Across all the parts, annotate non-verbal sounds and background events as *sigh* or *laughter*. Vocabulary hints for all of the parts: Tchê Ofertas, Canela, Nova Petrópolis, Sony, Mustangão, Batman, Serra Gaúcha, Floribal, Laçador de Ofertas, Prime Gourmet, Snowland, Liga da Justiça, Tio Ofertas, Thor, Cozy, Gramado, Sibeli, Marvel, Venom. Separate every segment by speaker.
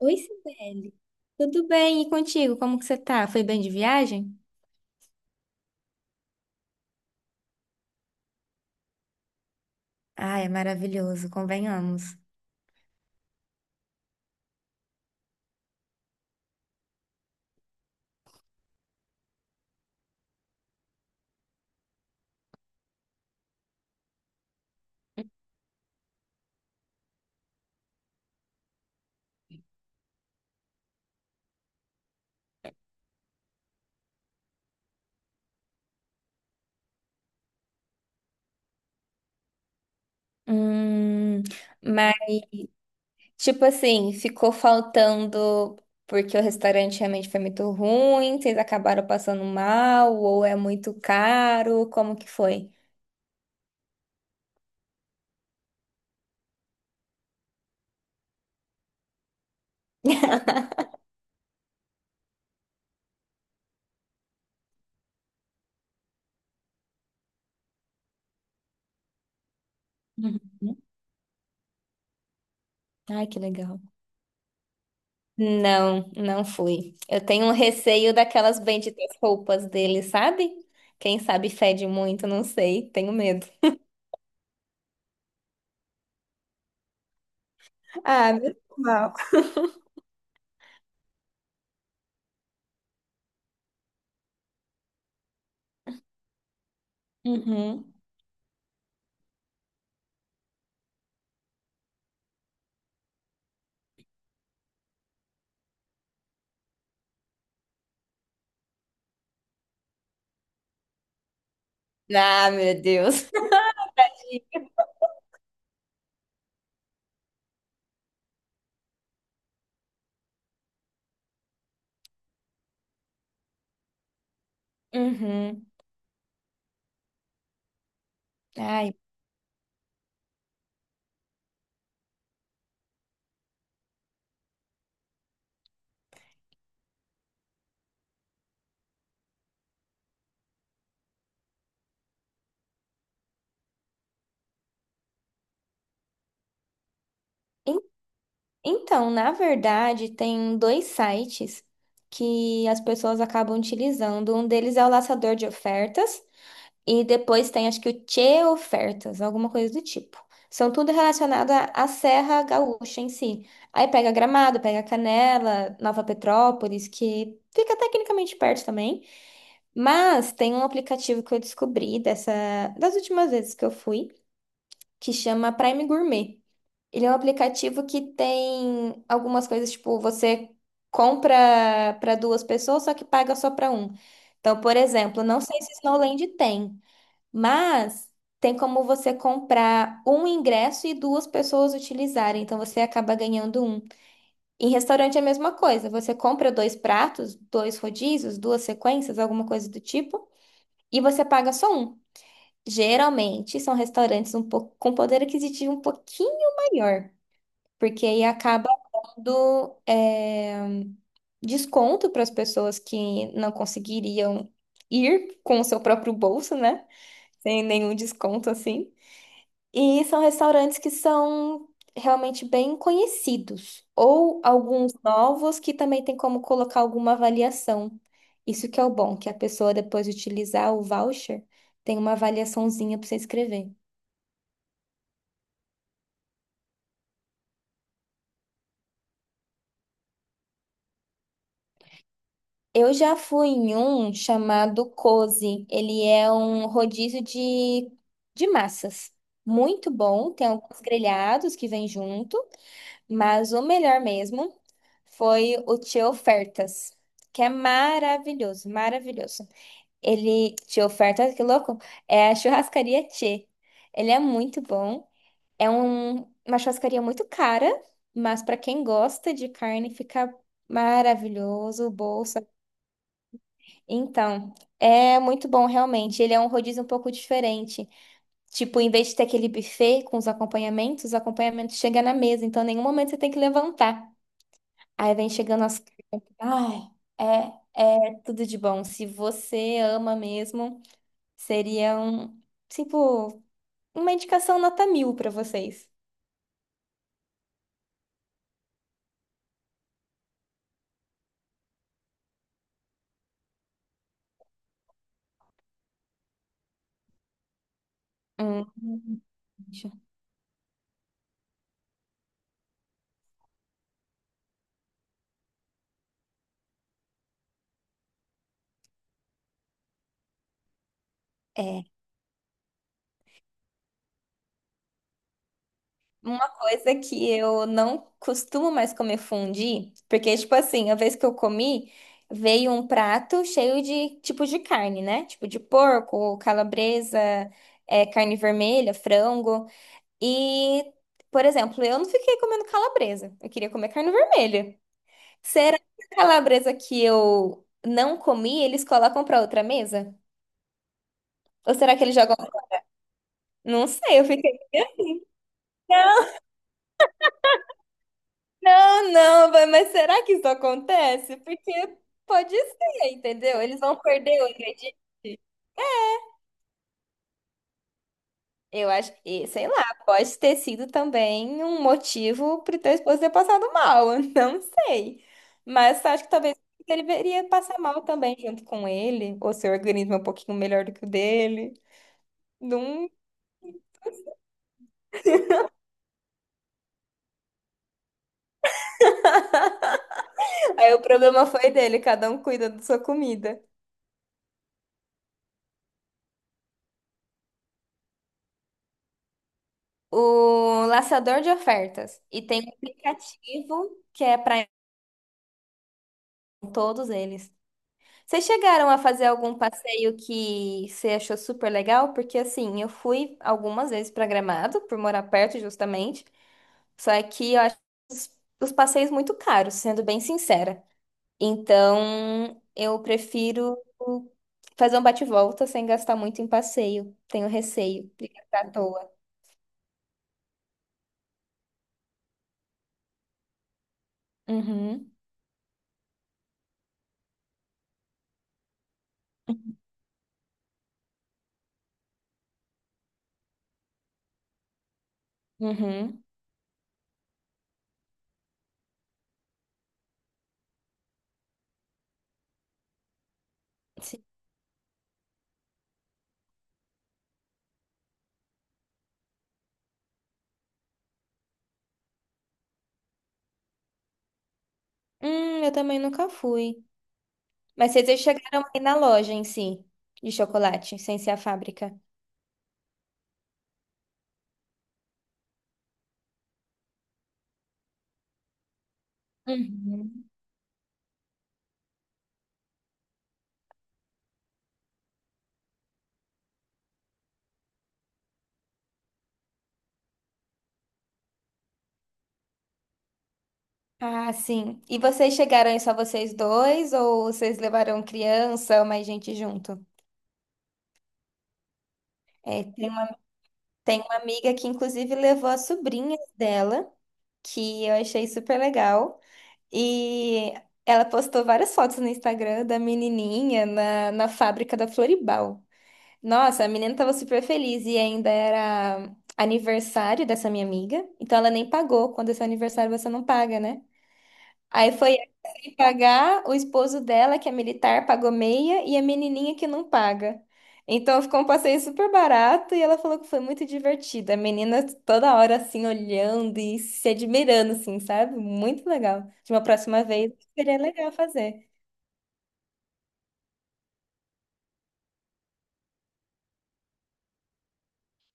Speaker 1: Oi, Sibeli. Tudo bem? E contigo? Como que você tá? Foi bem de viagem? Ah, é maravilhoso, convenhamos. Hum, mas, tipo assim, ficou faltando porque o restaurante realmente foi muito ruim, vocês acabaram passando mal, ou é muito caro, como que foi? Uhum. Ai, que legal. Não, não fui. Eu tenho um receio daquelas benditas roupas dele, sabe? Quem sabe fede muito, não sei, tenho medo. Ah, normal. Uhum. Ah, meu Deus. *laughs* Uhum. Ai. en- Então, na verdade, tem dois sites que as pessoas acabam utilizando. Um deles é o Laçador de Ofertas e depois tem, acho que o Tchê Ofertas, alguma coisa do tipo. São tudo relacionado à Serra Gaúcha em si. Aí pega Gramado, pega Canela, Nova Petrópolis, que fica tecnicamente perto também. Mas tem um aplicativo que eu descobri dessa, das últimas vezes que eu fui, que chama Prime Gourmet. Ele é um aplicativo que tem algumas coisas, tipo, você compra para duas pessoas, só que paga só para um. Então, por exemplo, não sei se Snowland tem, mas tem como você comprar um ingresso e duas pessoas utilizarem, então você acaba ganhando um. Em restaurante é a mesma coisa, você compra dois pratos, dois rodízios, duas sequências, alguma coisa do tipo, e você paga só um. Geralmente são restaurantes um pouco, com poder aquisitivo um pouquinho maior, porque aí acaba dando desconto para as pessoas que não conseguiriam ir com o seu próprio bolso, né? Sem nenhum desconto assim. E são restaurantes que são realmente bem conhecidos, ou alguns novos que também tem como colocar alguma avaliação. Isso que é o bom, que a pessoa depois de utilizar o voucher tem uma avaliaçãozinha para você escrever. Eu já fui em um chamado Cozy. Ele é um rodízio de massas. Muito bom. Tem alguns grelhados que vêm junto, mas o melhor mesmo foi o Tio Ofertas, que é maravilhoso, maravilhoso. Ele, Tio Ofertas, que louco, é a churrascaria Tchê. Ele é muito bom. É uma churrascaria muito cara, mas para quem gosta de carne fica maravilhoso. O bolso então, é muito bom realmente. Ele é um rodízio um pouco diferente. Tipo, em vez de ter aquele buffet com os acompanhamentos chegam na mesa, então em nenhum momento você tem que levantar. Aí vem chegando as. Ai, é, é tudo de bom. Se você ama mesmo, seria um, tipo, uma indicação nota mil pra vocês. Hum. É. Uma coisa que eu não costumo mais comer fondue, porque, tipo assim, a vez que eu comi, veio um prato cheio de tipos de carne, né? Tipo de porco, calabresa, carne vermelha, frango. E, por exemplo, eu não fiquei comendo calabresa. Eu queria comer carne vermelha. Será que a calabresa que eu não comi, eles colocam pra outra mesa? Ou será que eles jogam? Não sei, eu fiquei. Não, não, vai, mas será que isso acontece? Porque pode ser, entendeu? Eles vão perder o ingrediente. Eu acho, e, sei lá, pode ter sido também um motivo para o teu esposo ter passado mal, *laughs* eu não sei. Mas acho que talvez ele deveria passar mal também junto com ele, ou seu organismo é um pouquinho melhor do que o dele. Não... Aí o problema foi dele, cada um cuida da sua comida. O laçador de ofertas. E tem um aplicativo que é para todos eles. Vocês chegaram a fazer algum passeio que você achou super legal? Porque assim, eu fui algumas vezes para Gramado, por morar perto justamente, só que eu acho os, os passeios muito caros, sendo bem sincera. Então, eu prefiro fazer um bate-volta sem gastar muito em passeio. Tenho receio de gastar à toa. Uhum, uhum. Sim. Eu também nunca fui. Mas vocês já chegaram aí na loja em si, de chocolate, sem ser a fábrica. Uhum. Ah, sim. E vocês chegaram aí só vocês dois ou vocês levaram criança ou mais gente junto? É, tem, Tem uma amiga que inclusive levou as sobrinhas dela, que eu achei super legal. E ela postou várias fotos no Instagram da menininha na fábrica da Floribal. Nossa, a menina tava super feliz e ainda era aniversário dessa minha amiga. Então ela nem pagou. Quando é seu aniversário, você não paga, né? Aí foi ela sem pagar, o esposo dela, que é militar, pagou meia, e a menininha que não paga. Então ficou um passeio super barato e ela falou que foi muito divertido. A menina toda hora assim olhando e se admirando, assim, sabe? Muito legal. De uma próxima vez seria legal fazer.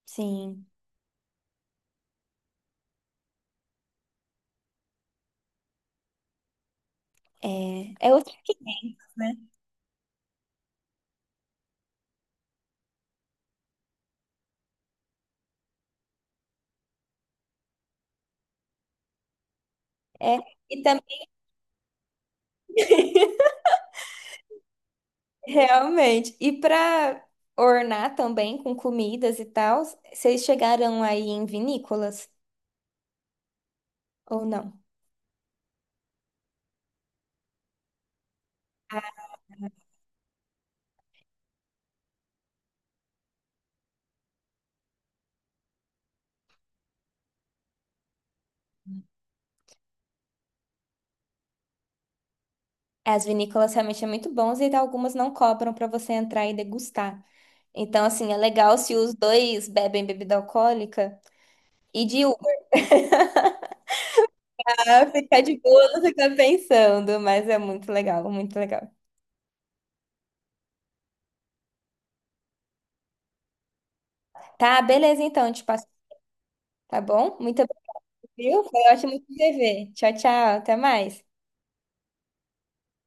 Speaker 1: Sim, é, é, outro- é e também *laughs* realmente. E para ornar também com comidas e tal, vocês chegaram aí em vinícolas ou não? As vinícolas realmente são muito bons e algumas não cobram para você entrar e degustar. Então, assim, é legal se os dois bebem bebida alcoólica e de uva ficar *laughs* de boa, não ficar pensando, mas é muito legal, muito legal. Tá, beleza então, te passo, tá bom? Muito obrigada, viu? Foi ótimo te ver. Tchau, tchau, até mais.